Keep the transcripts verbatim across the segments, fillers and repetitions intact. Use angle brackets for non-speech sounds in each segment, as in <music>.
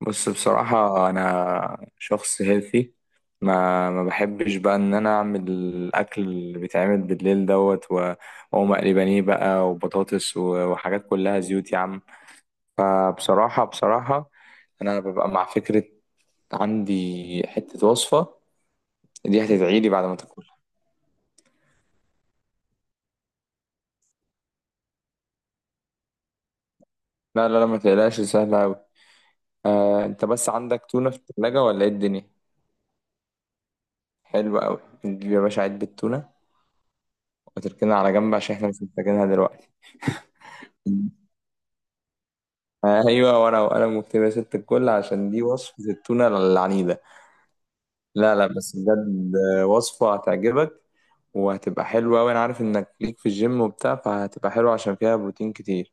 بص بصراحة أنا شخص هيلثي. ما ما بحبش بقى إن أنا أعمل الأكل اللي بيتعمل بالليل دوت و- وأقوم أقلي بانيه بقى وبطاطس و- وحاجات كلها زيوت يا عم. فبصراحة بصراحة أنا ببقى مع فكرة، عندي حتة وصفة دي هتدعيلي بعد ما تاكلها. لا لا لا، ما تقلقش، سهلة أوي. آه، أنت بس عندك تونة في التلاجة ولا إيه الدنيا؟ حلو أوي، نجيب يا باشا علبة تونة وتركنها على جنب عشان إحنا مش محتاجينها دلوقتي. ايوه، ورقه وقلم واكتب يا ست الكل عشان دي وصفه التونه العنيده. لا لا، بس بجد وصفه هتعجبك وهتبقى حلوه، وانا عارف انك ليك في الجيم وبتاع فهتبقى حلوه عشان فيها بروتين كتير.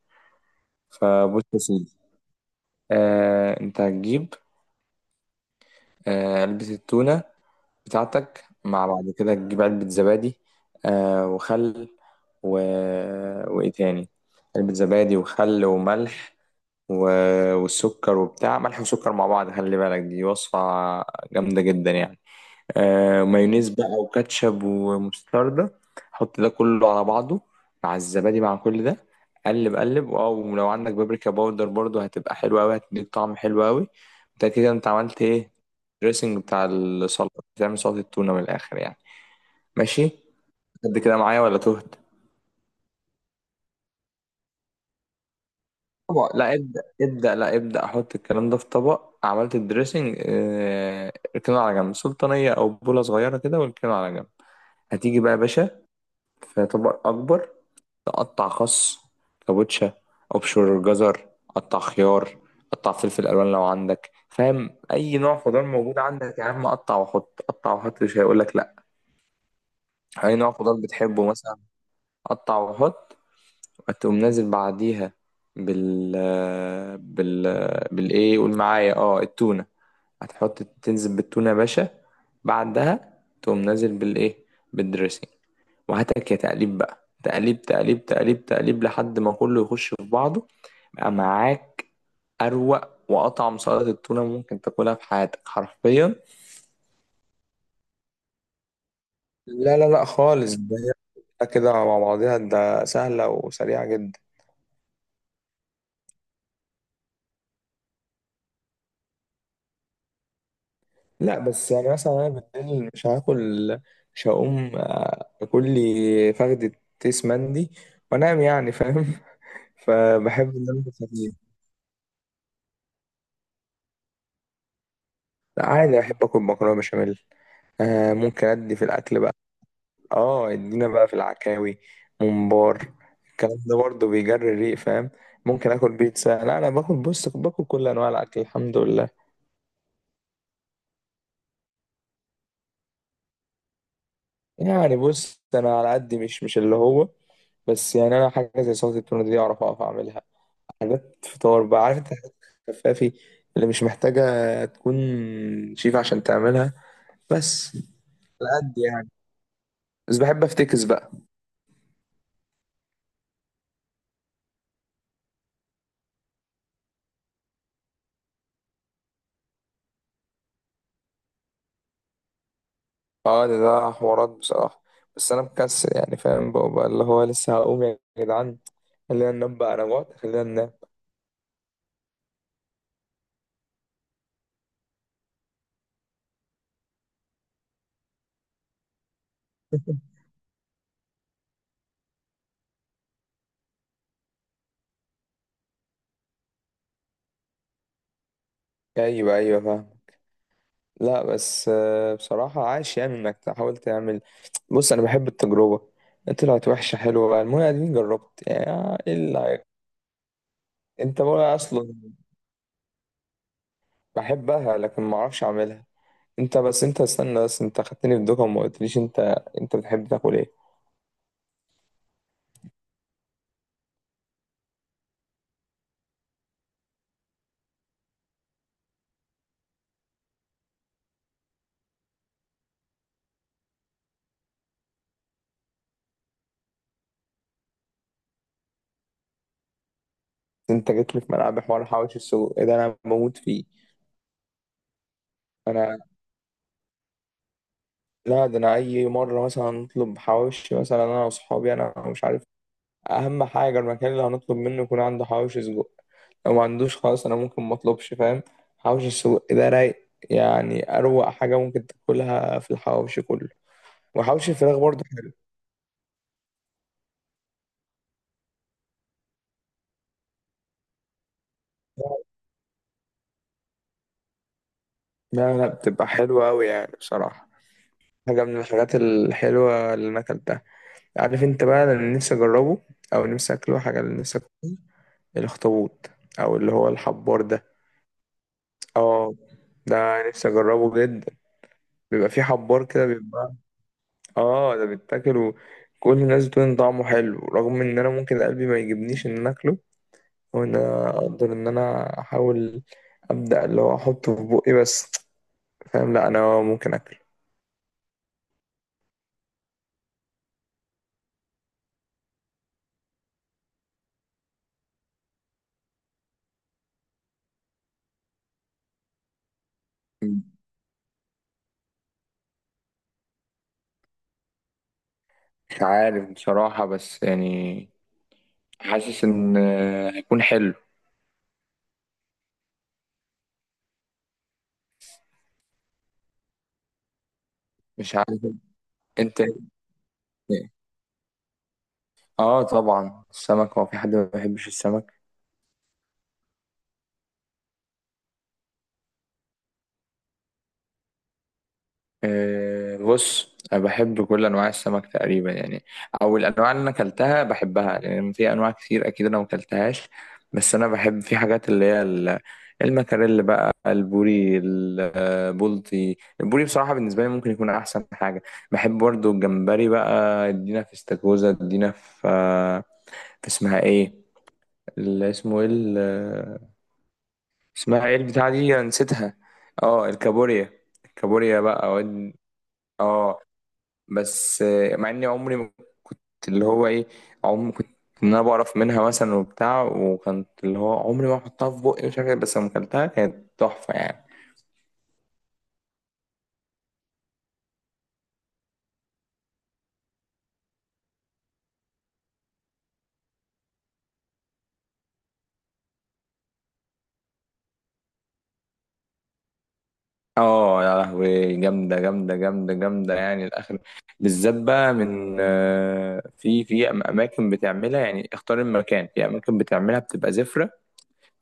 فبص يا سيدي، آه انت هتجيب آه علبه التونه بتاعتك، مع بعد كده تجيب علبه زبادي. آه وخل و... وايه تاني، علبه زبادي وخل وملح و- والسكر وبتاع. ملح وسكر مع بعض، خلي بالك دي وصفة جامدة جدا يعني. آه مايونيز بقى وكاتشب ومستردة، حط ده كله على بعضه مع الزبادي مع كل ده. قلب قلب، او لو عندك بابريكا باودر برضو هتبقى حلوة قوي، هتديك طعم حلو قوي. انت كده، انت عملت ايه؟ الدريسنج بتاع السلطة، بتعمل سلطة التونة من الاخر يعني. ماشي، قد كده معايا ولا تهت؟ طبق، لا ابدأ ابدأ، لا ابدأ، احط الكلام ده في طبق. عملت الدريسنج، آه، اركنه على جنب، سلطانية او بولة صغيرة كده واركنه على جنب. هتيجي بقى يا باشا في طبق اكبر، تقطع خس، كابوتشا، ابشر جزر، قطع خيار، قطع فلفل الوان لو عندك، فاهم؟ اي نوع خضار موجود عندك يا عم قطع وحط، قطع وحط، مش هيقول لك لا. اي نوع خضار بتحبه مثلا قطع وحط. فتقوم نازل بعديها بال بال بالايه؟ قول معايا، اه، التونة. هتحط، تنزل بالتونة يا باشا، بعدها تقوم نازل بالايه؟ بالدريسنج. وهاتك يا تقليب بقى، تقليب تقليب تقليب تقليب لحد ما كله يخش في بعضه. بقى معاك أروق وأطعم سلطة التونة ممكن تاكلها في حياتك حرفيا. لا لا لا خالص، ده هي كده مع بعضها، ده سهلة وسريعة جدا. لا، بس يعني مثلا انا بالليل مش هاكل، مش هقوم آه، اكل لي فخدة تيس مندي وانام يعني، فاهم؟ <laughs> فبحب ان انا اكل خفيف. لا عادي، بحب اكل مكرونه بشاميل، آه ممكن ادي في الاكل بقى. اه، ادينا بقى في العكاوي، ممبار، الكلام ده برضه بيجري الريق، فاهم؟ ممكن اكل بيتزا، لا انا باكل، بص باكل كل انواع الاكل الحمد لله. يعني بص، انا على قد، مش مش اللي هو، بس يعني انا حاجه زي سلطه التونه دي اعرف اقف اعملها، حاجات فطار بقى، عارف انت، حاجات خفافي اللي مش محتاجة تكون شيف عشان تعملها بس. على قد يعني، بس بحب افتكس بقى. اه ده, ده حوارات بصراحة، بس انا مكسل يعني، فاهم بقى، بقى اللي هو لسه هقوم يا جدعان، خلينا ننام بقى، انا جوعت، خلينا ننام. <laughs> ايوه ايوه، فاهم. لا بس آه، بصراحة عاش يعني انك تحاول تعمل. بص انا بحب التجربة، طلعت وحشة حلوة بقى، المهم اديني جربت. يعني إيه اللي هي- انت بقى اصلا بحبها لكن ما اعرفش اعملها. انت بس، انت استنى بس، انت خدتني في دوكا وما قلتليش انت، انت بتحب تاكل ايه؟ انت جيت لي في ملعب، حوار حواوشي السجق إيه ده، انا بموت فيه. انا لا ده انا اي مره مثلا نطلب حواوشي مثلا انا واصحابي، انا مش عارف، اهم حاجه المكان اللي هنطلب منه يكون عنده حواوشي سجق، لو ما عندوش خلاص انا ممكن ما اطلبش، فاهم؟ حواوشي السجق ده رايق يعني، اروق حاجه ممكن تاكلها في الحواوشي كله، وحواوشي الفراخ برضه حلو. لا لا، بتبقى حلوه قوي يعني بصراحه، حاجة من الحاجات الحلوة اللي أنا أكلتها. عارف أنت بقى أنا اللي نفسي أجربه، أو نفسي أكله، حاجة اللي نفسي أكله، الأخطبوط، أو اللي هو الحبار ده. اه، ده نفسي أجربه جدا. بيبقى فيه حبار كده بيبقى. اه ده بيتاكل، وكل الناس بتقول إن طعمه حلو، رغم إن أنا ممكن قلبي ما يجيبنيش إن أنا أكله، أو إن أنا أقدر إن أنا أحاول أبدأ اللي هو أحطه في بقي بس، فاهم؟ لأ أنا ممكن أكله. مش عارف بصراحة، بس يعني حاسس ان آه، هيكون حلو. مش عارف، انت إيه؟ اه طبعا السمك، هو في حد ما بيحبش السمك؟ آه بص، انا بحب كل انواع السمك تقريبا يعني، او الانواع اللي انا اكلتها بحبها، لان في انواع كتير اكيد انا ما اكلتهاش. بس انا بحب في حاجات اللي هي ال- المكاريل بقى، البوري، البلطي، البوري بصراحة بالنسبة لي ممكن يكون احسن حاجة. بحب برضو الجمبري بقى. ادينا في استاكوزا، ادينا في آه، في اسمها ايه، اللي اسمه ايه، ال- اسمها ايه البتاعة دي، أنا نسيتها. اه، الكابوريا، الكابوريا بقى. واد- اه، بس آه، مع اني عمري ما كنت، اللي هو ايه، عمري كنت ان انا بعرف منها مثلا وبتاع، وكانت اللي هو عمري ما احطها في بقي، مش عارف إيه، بس لما اكلتها كانت تحفة يعني. اه يا لهوي، جامدة جامدة جامدة جامدة يعني الآخر. بالذات بقى من آه، في في أماكن بتعملها، يعني اختار المكان، في أماكن بتعملها بتبقى زفرة،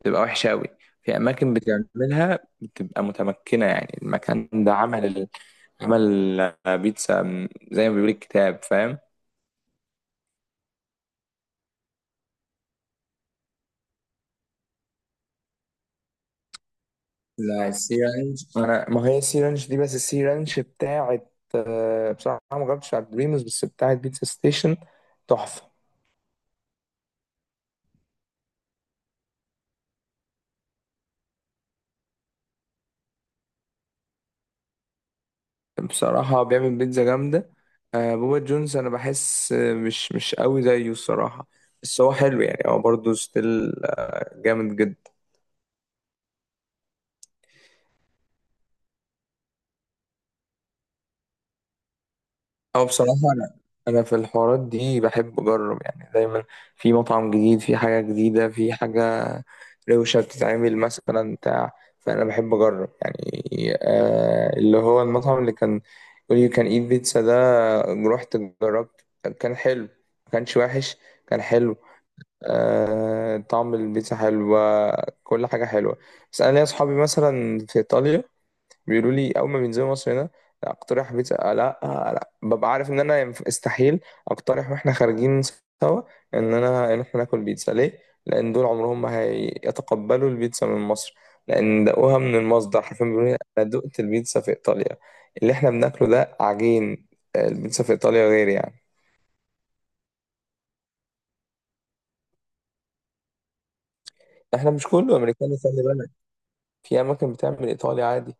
بتبقى وحشة أوي، في أماكن بتعملها بتبقى متمكنة، يعني المكان ده عمل عمل بيتزا، من- زي ما بيقول الكتاب، فاهم؟ لا، السي رانش أنا، ما هي السي رانش دي، بس السي رانش بتاعت آه، بصراحة ما جربتش على دريمز، بس بتاعت بيتزا ستيشن تحفة. بصراحة بيعمل بيتزا جامدة. آه، بوبا جونز، أنا بحس آه، مش مش قوي زيه الصراحة، بس هو حلو يعني، هو برضه ستيل آه، جامد جدا. أو بصراحة أنا أنا في الحوارات دي بحب أجرب يعني دايما، في مطعم جديد، في حاجة جديدة، في حاجة روشة بتتعمل مثلا بتاع، فأنا بحب أجرب يعني. آه اللي هو المطعم اللي كان يقول you can eat pizza ده، رحت، جربت، كان حلو، ما كانش وحش، كان حلو. آه طعم البيتزا حلو، كل حاجة حلوة. بس أنا ليا أصحابي مثلا في إيطاليا بيقولوا لي اول ما بينزلوا مصر هنا لا اقترح بيتزا، آه، لا آه، آه، لا، ببقى عارف ان انا ينف- استحيل اقترح واحنا خارجين سوا ان انا ان احنا ناكل بيتزا، ليه؟ لان دول عمرهم ما هيتقبلوا البيتزا من مصر، لان دقوها من المصدر حرفيا، بيقولوا لي انا دقت البيتزا في ايطاليا، اللي احنا بناكله ده عجين. آه، البيتزا في ايطاليا غير يعني. احنا مش كله امريكاني خلي بالك، في اماكن بتعمل ايطالي عادي.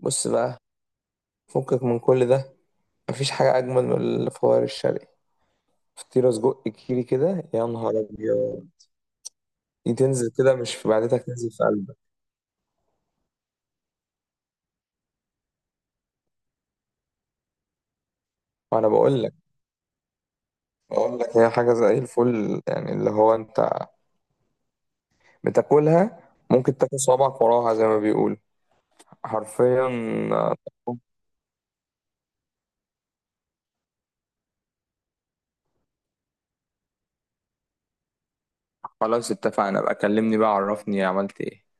بص بقى، فكك من كل ده، مفيش حاجه اجمل من الفوار الشرقي، فطيرة سجق كيري كده، يا نهار أبيض. دي تنزل كده مش في معدتك، تنزل في قلبك. وأنا بقول لك، بقول لك هي حاجة زي الفل يعني، اللي هو أنت بتاكلها ممكن تاكل صوابعك وراها زي ما بيقول، حرفيا. آه، خلاص اتفقنا بقى، كلمني بقى عرفني عملت إيه.